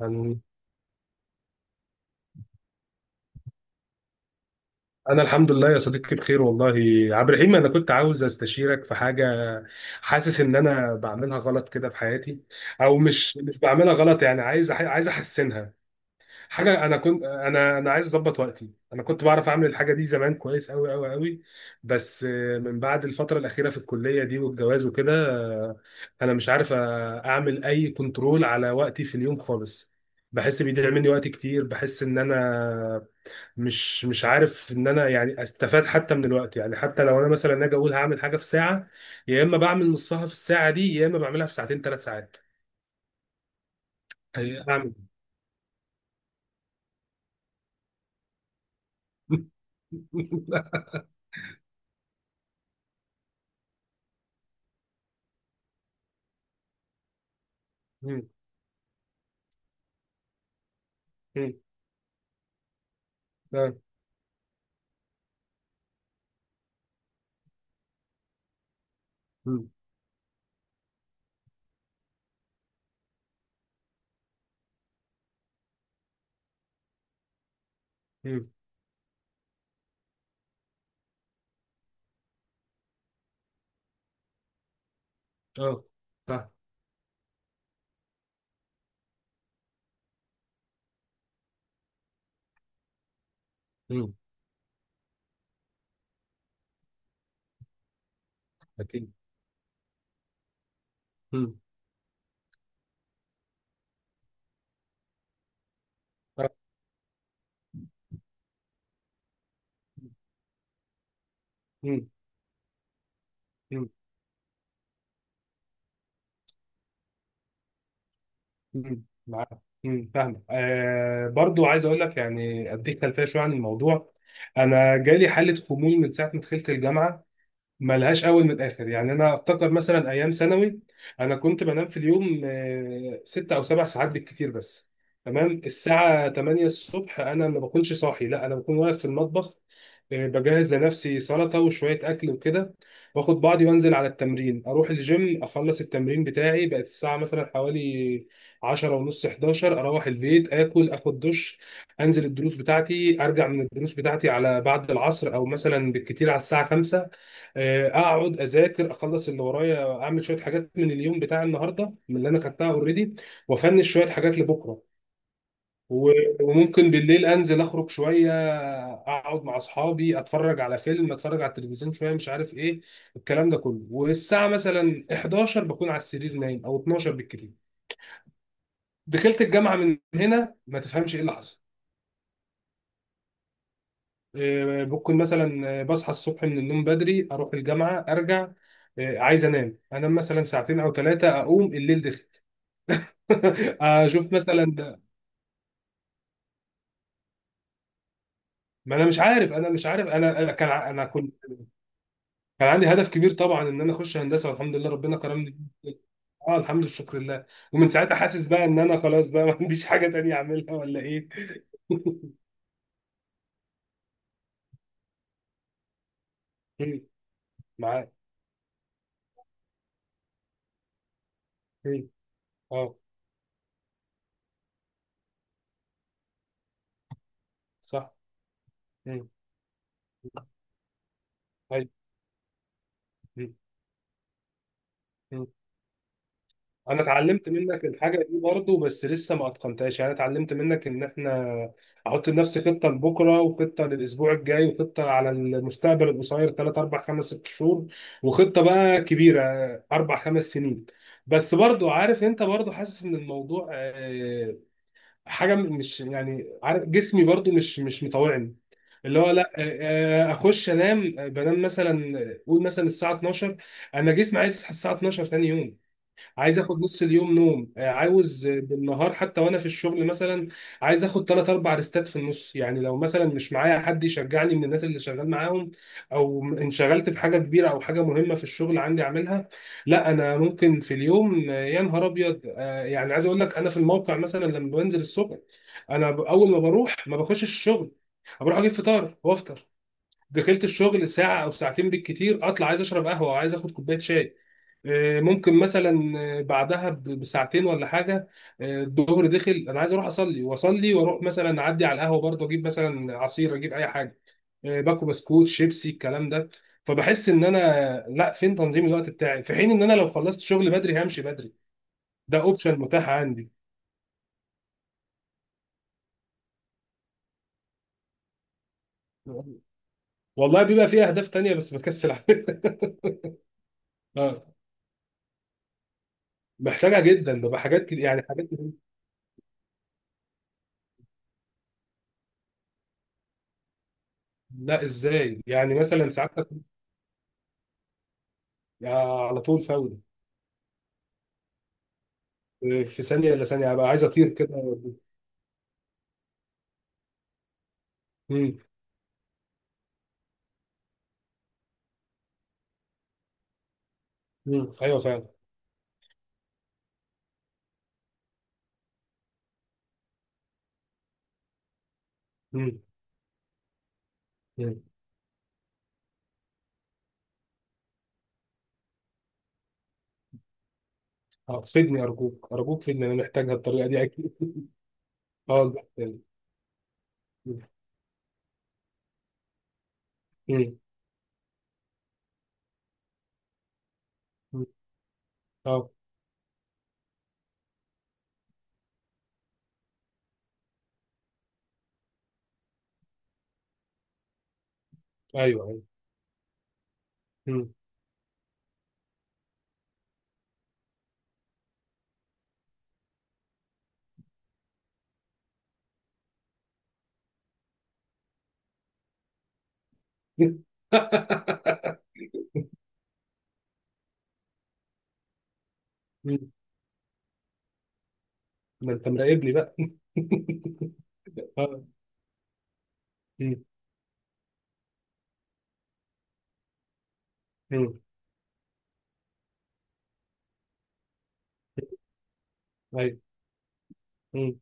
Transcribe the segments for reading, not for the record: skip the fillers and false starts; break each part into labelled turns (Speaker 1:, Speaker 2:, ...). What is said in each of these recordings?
Speaker 1: أنا أنا الحمد لله يا صديقي، بخير والله. عبد الرحيم، أنا كنت عاوز أستشيرك في حاجة. حاسس إن أنا بعملها غلط كده في حياتي، أو مش بعملها غلط، يعني عايز عايز أحسنها. حاجة، أنا عايز أظبط وقتي. أنا كنت بعرف أعمل الحاجة دي زمان كويس أوي أوي أوي. بس من بعد الفترة الأخيرة في الكلية دي والجواز وكده، أنا مش عارف أعمل أي كنترول على وقتي في اليوم خالص. بحس بيضيع مني وقت كتير، بحس إن أنا مش عارف ان انا يعني استفاد حتى من الوقت، يعني حتى لو انا مثلا اجي اقول هعمل حاجه في ساعه، يا اما بعمل نصها في الساعه دي، يا اما بعملها في ساعتين 3 ساعات. اعمل. مم. مم. آه. مم. مم. اه. فاهم. مم. اكيد. مم. آه. مم. مم. مم. معاك. مم. فاهم. آه، برضو عايز اقول لك، يعني اديك خلفيه شويه عن الموضوع. انا جالي حاله خمول من ساعه ما دخلت الجامعه، ملهاش اول من الاخر. يعني انا افتكر مثلا ايام ثانوي، انا كنت بنام في اليوم 6 أو 7 ساعات بالكتير، بس تمام الساعه 8 الصبح، انا ما بكونش صاحي، لا، انا بكون واقف في المطبخ، بجهز لنفسي سلطه وشويه اكل وكده، واخد بعضي وانزل على التمرين، اروح الجيم، اخلص التمرين بتاعي، بقت الساعه مثلا حوالي 10 ونص، 11 اروح البيت، اكل، اخد دش، انزل الدروس بتاعتي، ارجع من الدروس بتاعتي على بعد العصر، او مثلا بالكتير على الساعه 5. آه، اقعد اذاكر، اخلص اللي ورايا، اعمل شويه حاجات من اليوم بتاع النهارده من اللي انا خدتها اوريدي، وافنش شويه حاجات لبكره. و- وممكن بالليل انزل اخرج شويه، اقعد مع اصحابي، اتفرج على فيلم، اتفرج على التلفزيون شويه، مش عارف ايه الكلام ده كله، والساعه مثلا 11 بكون على السرير نايم، او 12 بالكتير. دخلت الجامعه، من هنا ما تفهمش ايه اللي حصل. ممكن مثلا بصحى الصبح من النوم بدري، اروح الجامعه، ارجع، عايز انام مثلا ساعتين او 3، اقوم الليل دخل. اشوف مثلا. ما انا مش عارف، انا مش عارف، انا انا كنت. كان عندي هدف كبير طبعا ان انا اخش هندسه، والحمد لله ربنا كرمني. اه، الحمد لله، شكر لله. ومن ساعتها حاسس بقى ان انا خلاص بقى ما عنديش حاجه تانية اعملها ولا ايه. معاك. اه. صح. ايوه. انا اتعلمت منك الحاجه دي برضه، بس لسه ما اتقنتهاش. يعني أنا اتعلمت منك ان احنا احط لنفسي خطه لبكره، وخطه للاسبوع الجاي، وخطه على المستقبل القصير 3 4 5 6 شهور، وخطه بقى كبيره 4 5 سنين. بس برضه عارف انت، برضه حاسس ان الموضوع، حاجه مش، يعني عارف، جسمي برضه مش مطاوعني. اللي هو لا، اخش انام، بنام مثلا، قول مثلا الساعه 12. انا جسمي عايز يصحى الساعه 12 ثاني يوم. عايز اخد نص اليوم نوم، عاوز بالنهار حتى وانا في الشغل مثلا. عايز اخد 3 أو 4 ريستات في النص، يعني لو مثلا مش معايا حد يشجعني من الناس اللي شغال معاهم، او انشغلت في حاجه كبيره او حاجه مهمه في الشغل عندي اعملها. لا، انا ممكن في اليوم يا نهار ابيض، يعني عايز اقول لك انا في الموقع مثلا لما بنزل الصبح، انا اول ما بروح ما بخش الشغل، بروح اجيب فطار وافطر. دخلت الشغل ساعة أو ساعتين بالكتير أطلع عايز أشرب قهوة أو عايز آخد كوباية شاي. ممكن مثلا بعدها بساعتين ولا حاجة. الظهر دخل، أنا عايز أروح أصلي وأصلي وأروح مثلا أعدي على القهوة برضه، أجيب مثلا عصير، أجيب أي حاجة، باكو بسكوت شيبسي الكلام ده. فبحس إن أنا، لا، فين تنظيم الوقت بتاعي، في حين إن أنا لو خلصت شغل بدري همشي بدري. ده أوبشن متاح عندي. والله بيبقى فيه أهداف تانية، بس بكسل أعملها. آه، محتاجة جدا، ببقى حاجات يعني حاجات. لا، ازاي، يعني مثلا ساعات يعني على طول فوري. في ثانيه الا ثانيه هبقى عايز اطير كده. امم. امم. ايوه فعلا. امم. امم. فدني، ارجوك، ارجوك، فدني، انا محتاجها الطريقه دي اكيد. اه، لا، يعني. مم. مم. مم. اه. ايوه، ايوه. مم. مم. ده انت مراقبني بقى. اه. مم. مم. ايوه. مم.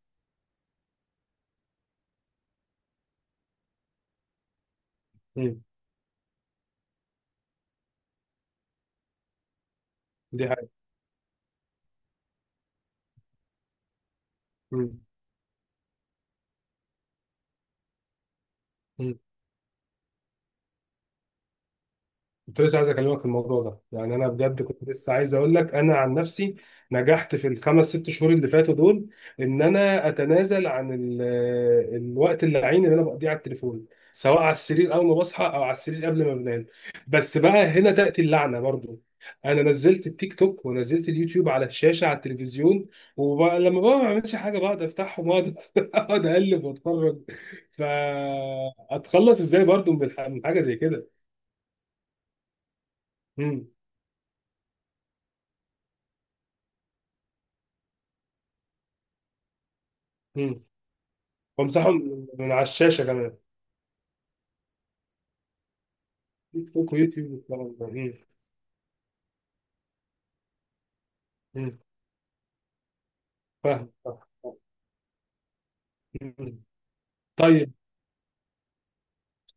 Speaker 1: مم. دي حاجه. مم. كنت لسه عايز اكلمك في الموضوع ده، يعني انا بجد كنت لسه عايز اقول لك انا عن نفسي نجحت في الـ 5 ست شهور اللي فاتوا دول، ان انا اتنازل عن الوقت اللعين اللي انا بقضيه على التليفون، سواء على السرير اول ما بصحى او على السرير قبل ما بنام. بس بقى هنا تاتي اللعنه برضو. انا نزلت التيك توك ونزلت اليوتيوب على الشاشه، على التلفزيون. ولما بقى ما بعملش حاجه بقعد افتحهم، واقعد اقعد اقلب واتفرج. فاتخلص ازاي برضو من حاجه زي كده؟ مم. وامسحه من على الشاشة كمان. تيك توك ويوتيوب والكلام ده. مم. مم. فاهم، فاهم. مم. طيب،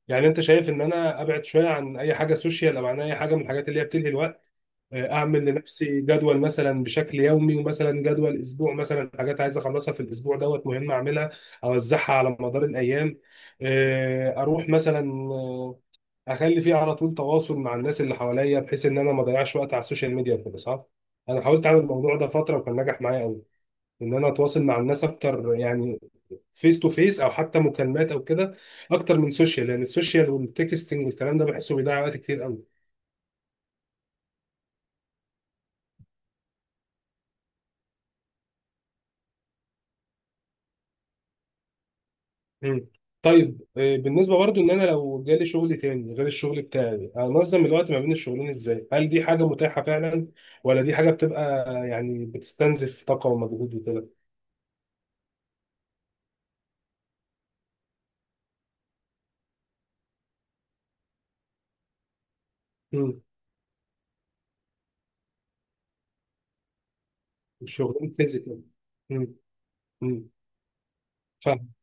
Speaker 1: يعني انت شايف ان انا ابعد شويه عن اي حاجه سوشيال او عن اي حاجه من الحاجات اللي هي بتلهي الوقت، اعمل لنفسي جدول مثلا بشكل يومي، ومثلا جدول اسبوع، مثلا حاجات عايز اخلصها في الاسبوع دوت مهم اعملها، اوزعها على مدار الايام، اروح مثلا، آه، اخلي فيه على طول تواصل مع الناس اللي حواليا، بحيث ان انا ما اضيعش وقت على السوشيال ميديا وكده، صح؟ انا حاولت اعمل الموضوع ده فتره وكان نجح معايا، ان انا اتواصل مع الناس اكتر، يعني فيس تو فيس او حتى مكالمات او كده، اكتر من سوشيال، لان السوشيال والتكستنج والكلام ده بحسه بيضيع وقت كتير قوي. مم. طيب، بالنسبه برضو ان انا لو جالي شغل تاني غير الشغل بتاعي، انظم الوقت ما بين الشغلين ازاي؟ هل دي حاجه متاحه فعلا، ولا دي حاجه بتبقى، يعني بتستنزف طاقه ومجهود وكده؟ مم. الشغلين فيزيكال. فاهم.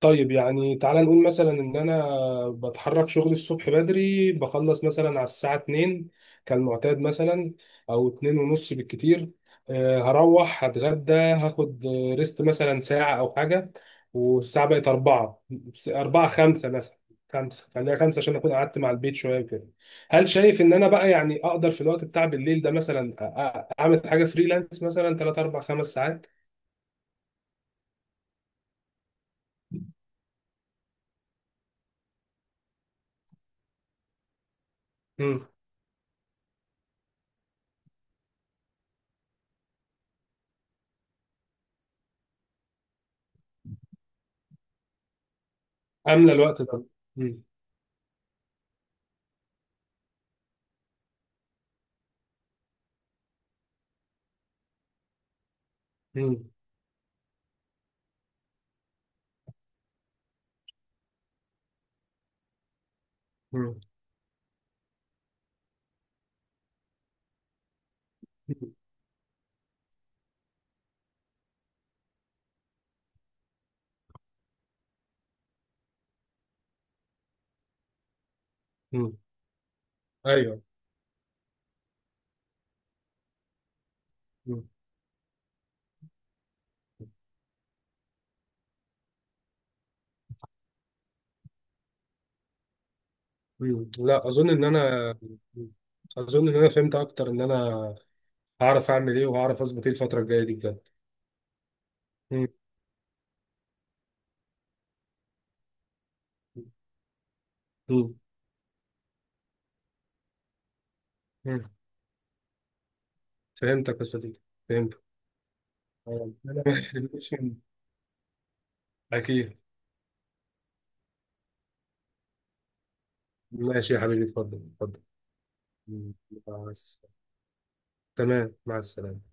Speaker 1: طيب، يعني تعالى نقول مثلا ان انا بتحرك شغلي الصبح بدري، بخلص مثلا على الساعة 2 كالمعتاد مثلا، او 2 ونص بالكتير. هروح هتغدى، هاخد ريست مثلا ساعة او حاجة، والساعة بقت 4. 4 5 مثلا، 5 خليها 5 عشان اكون قعدت مع البيت شوية كده. هل شايف ان انا بقى يعني اقدر في الوقت بتاع بالليل ده مثلا اعمل حاجة فريلانس مثلا 3 4 5 ساعات؟ امم. املى الوقت ده. امم. مم. ايوه. مم. مم. لا، اظن ان انا فهمت اكتر ان انا هعرف اعمل ايه وهعرف اظبط ايه الفتره الجايه دي بجد. مم. مم. مم. فهمتك يا صديقي. فهمت. أنا- اكيد. ماشي يا حبيبي، اتفضل، اتفضل. مم. مع الس- تمام، مع السلامه.